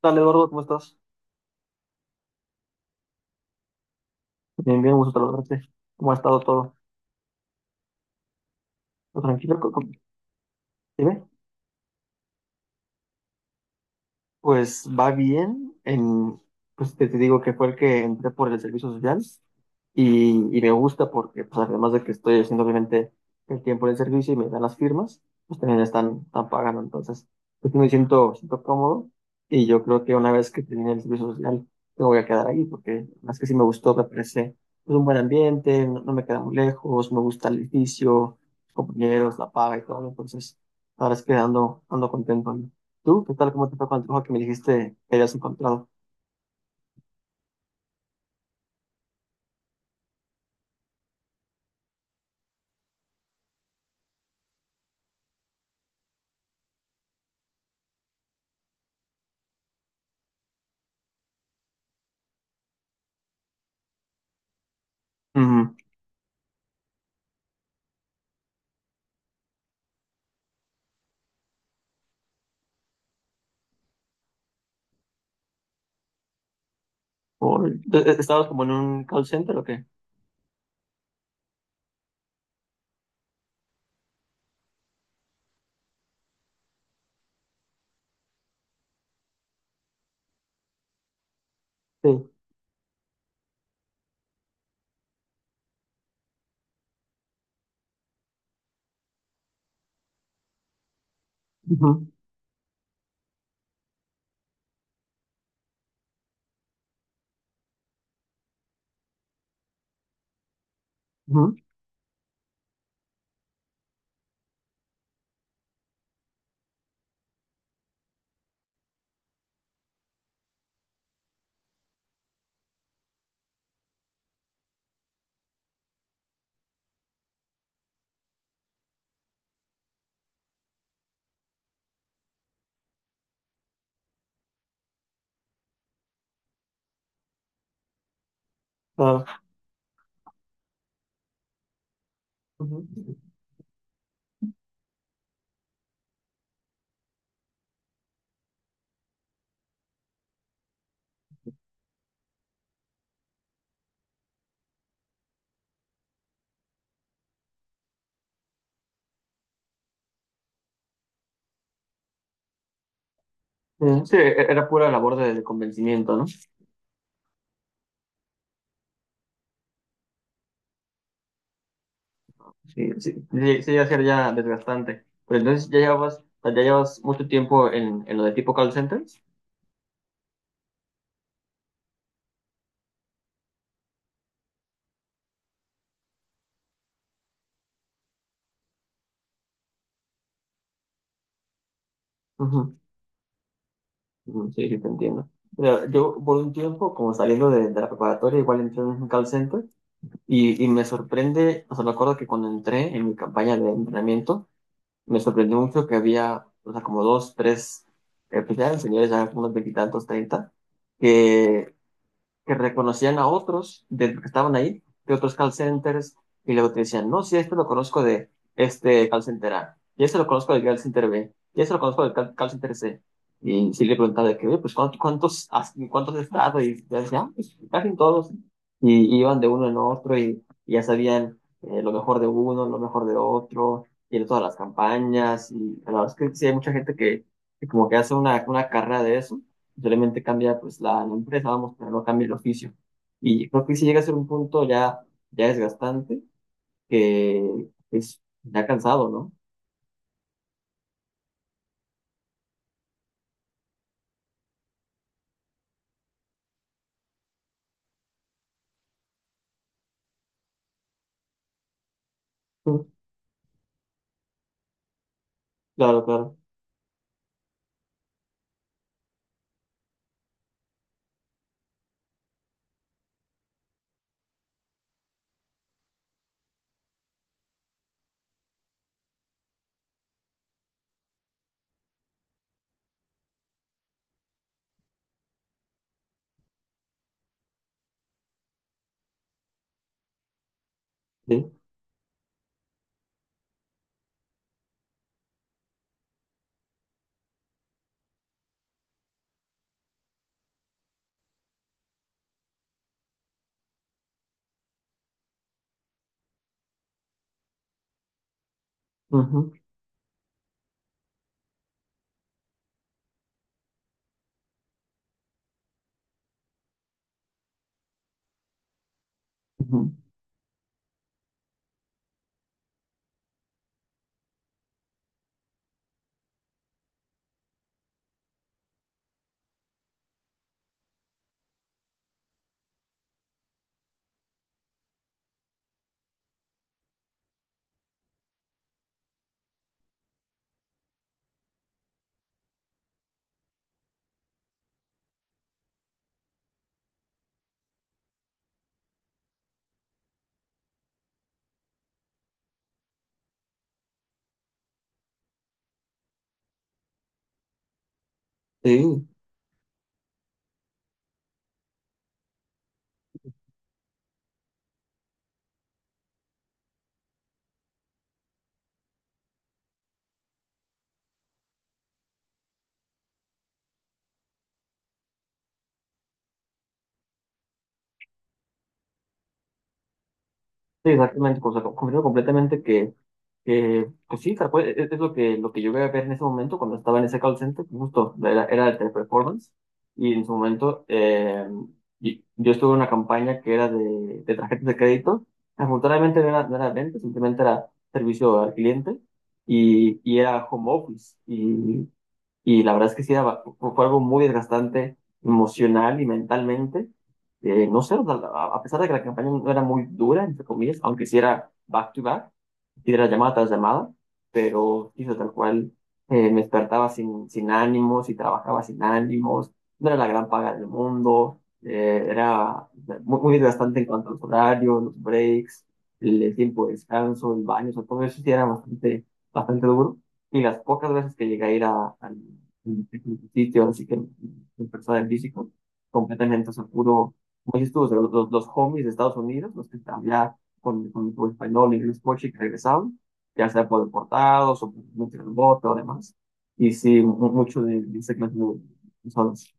Tal, Eduardo? ¿Cómo estás? Bien, bien, gusto saludarte. ¿Cómo ha estado todo? ¿Todo tranquilo? Dime. Pues va bien. Pues te digo que fue el que entré por el servicio social. Y me gusta porque, pues, además de que estoy haciendo obviamente el tiempo en el servicio y me dan las firmas, pues también están pagando. Entonces, pues me siento cómodo y yo creo que una vez que termine el servicio social, me voy a quedar ahí porque más que sí me gustó, me parece pues, un buen ambiente, no me queda muy lejos, me gusta el edificio, los compañeros, la paga y todo. Entonces, ahora es que ando contento. ¿No? ¿Tú qué tal? ¿Cómo te fue con el trabajo que me dijiste que habías encontrado? Ujú. ¿O- ¿Estabas como en un call center o qué? Sí. Ujú, ujú, ah, ujú. Sí, era pura labor de convencimiento, ¿no? Sí, sí, sí, sí, iba a ser ya desgastante. Pero entonces ya llevas mucho tiempo en lo de tipo call centers. Ujú, ujú, sí, sí, te entiendo. Mira, yo por un tiempo, como saliendo de la preparatoria, igual entré en un call center y me sorprende, o sea, me acuerdo que cuando entré en mi campaña de entrenamiento, me sorprendió mucho que había, o sea, como dos, tres, pues ya eran señores, ya unos veintitantos, treinta, que reconocían a otros de los que estaban ahí, de otros call centers, y luego te decían, no, sí, este lo conozco de este call center A, y este lo conozco del call center B, y este lo conozco del call center C. Y sí le preguntaba de que, oye, pues, ¿cuántos, cuántos has estado? Y ya decían, ah, pues, casi todos. Y iban de uno en otro y ya sabían lo mejor de uno, lo mejor de otro, y de todas las campañas. Y la verdad es que sí hay mucha gente que como que hace una carrera de eso solamente cambia pues la empresa, vamos, pero no cambia el oficio. Y creo que si llega a ser un punto ya, ya desgastante, que es ya cansado, ¿no? Mm, claro, claro, sí. Ujú, ujú. Sí. Sí, exactamente, pues, o sea, comprendo completamente que pues sí, tal cual, es lo que yo voy a ver en ese momento cuando estaba en ese call center, justo era, era el teleperformance, y en su momento yo estuve en una campaña que era de tarjetas de crédito, afortunadamente no era, no era venta, simplemente era servicio al cliente, y era home office, y la verdad es que sí, era fue algo muy desgastante emocional y mentalmente. No sé, o sea, a pesar de que la campaña no era muy dura, entre comillas, aunque sí era back to back, sí era llamada tras llamada, pero hizo tal cual, me despertaba sin, sin ánimos y trabajaba sin ánimos, no era la gran paga del mundo, era muy, muy desgastante en cuanto a los horarios, los breaks, el tiempo de descanso, el baño, o sea, todo eso sí era bastante, bastante duro. Y las pocas veces que llegué a ir a, al al sitio, así que en persona en físico, completamente, o sea, puro, como dices tú, o sea, los homies de Estados Unidos, los que hablaban con tu español, inglés, coche, que regresaban, ya sea por deportados o por meter el voto, además. Y sí, mucho de esa clase de personas.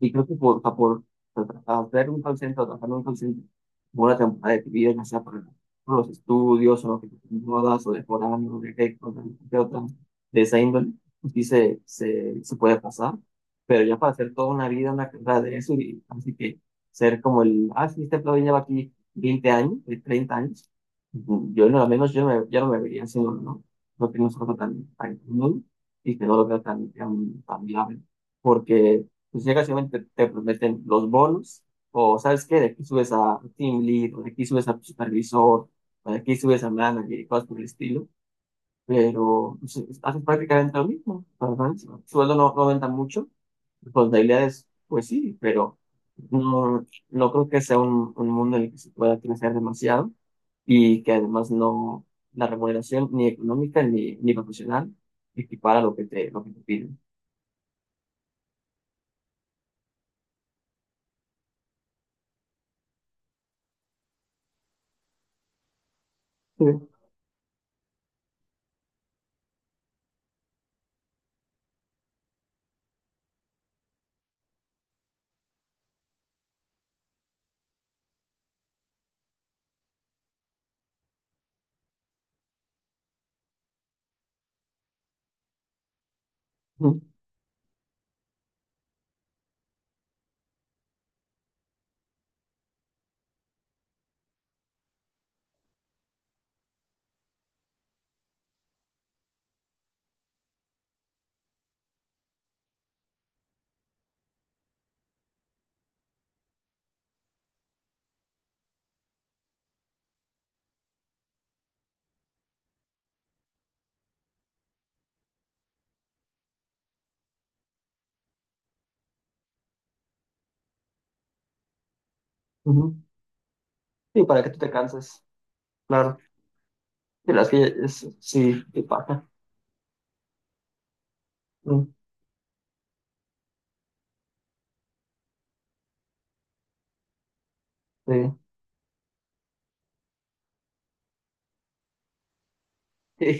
Y creo que por, a por a hacer un call center, a trabajar en un call center, por una temporada de tu vida, ya sea por los estudios, o lo que te mudas, o de foráneo, o de qué cosa, de qué otra, de esa índole, pues sí se puede pasar, pero ya para hacer toda una vida, una carrera de eso, y así que ser como el, ah, sí, este plugin lleva aquí 20 años, 30 años, ujú, yo no, al menos yo, me, yo no me vería haciéndolo, ¿no? No que no es algo tan, tan común y que no lo veo tan, tan, tan viable porque pues llegas y obviamente te, prometen los bonos, o sabes qué, de aquí subes a team lead, o de aquí subes a supervisor, o de aquí subes a manager y cosas por el estilo, pero pues, haces prácticamente lo mismo, ¿verdad? El sueldo no, no aumenta mucho, responsabilidades, pues sí, pero no, no creo que sea un mundo en el que se pueda crecer demasiado y que además no, la remuneración ni económica ni, ni profesional equipara lo que te piden. Sí, ujú, ujú. Sí, para que tú te canses. Claro. De las que es- sí, que pasa. Mm, sí. Sí,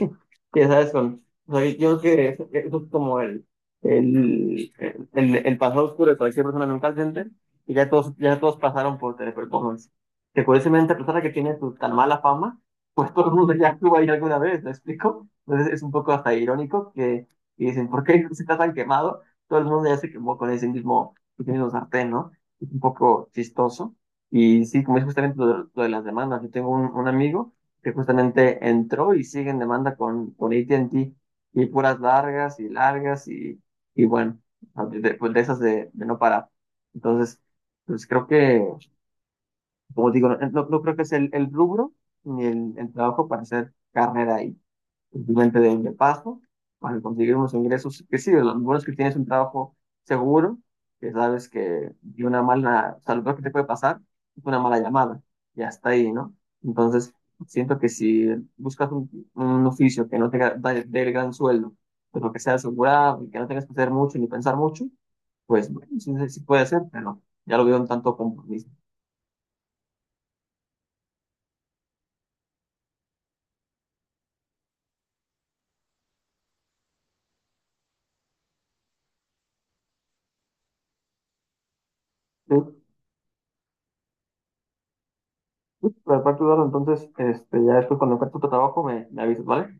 ya sabes, con, o sea, yo creo que eso es como el, el pasado oscuro de cualquier persona en un call center, ya todos pasaron por teleperformance. Que curiosamente, a pesar de que tiene su tan mala fama, pues todo el mundo ya estuvo ahí alguna vez, ¿me explico? Entonces es un poco hasta irónico que y dicen, ¿por qué se está tan quemado? Todo el mundo ya se quemó con ese mismo sartén, ¿no? Es un poco chistoso. Y sí, como es justamente lo de las demandas, yo tengo un amigo que justamente entró y sigue en demanda con AT&T y puras largas y largas y bueno, de, pues de esas de no parar. Entonces, pues creo que, como digo, no, no creo que es el rubro ni el, el trabajo para hacer carrera ahí simplemente de paso, para conseguir unos ingresos que sí, lo bueno es que tienes un trabajo seguro, que sabes que de una mala, o sea, lo peor que te puede pasar es una mala llamada, y hasta ahí, ¿no? Entonces, siento que si buscas un oficio que no te dé el gran sueldo, pero que sea asegurado y que no tengas que hacer mucho ni pensar mucho, pues bueno, sí, sí sí puede ser, pero ya lo veo un tanto compromiso. Sí, sí, Por parte, Eduardo, entonces, este, ya después cuando encuentre tu trabajo me avisas, ¿vale?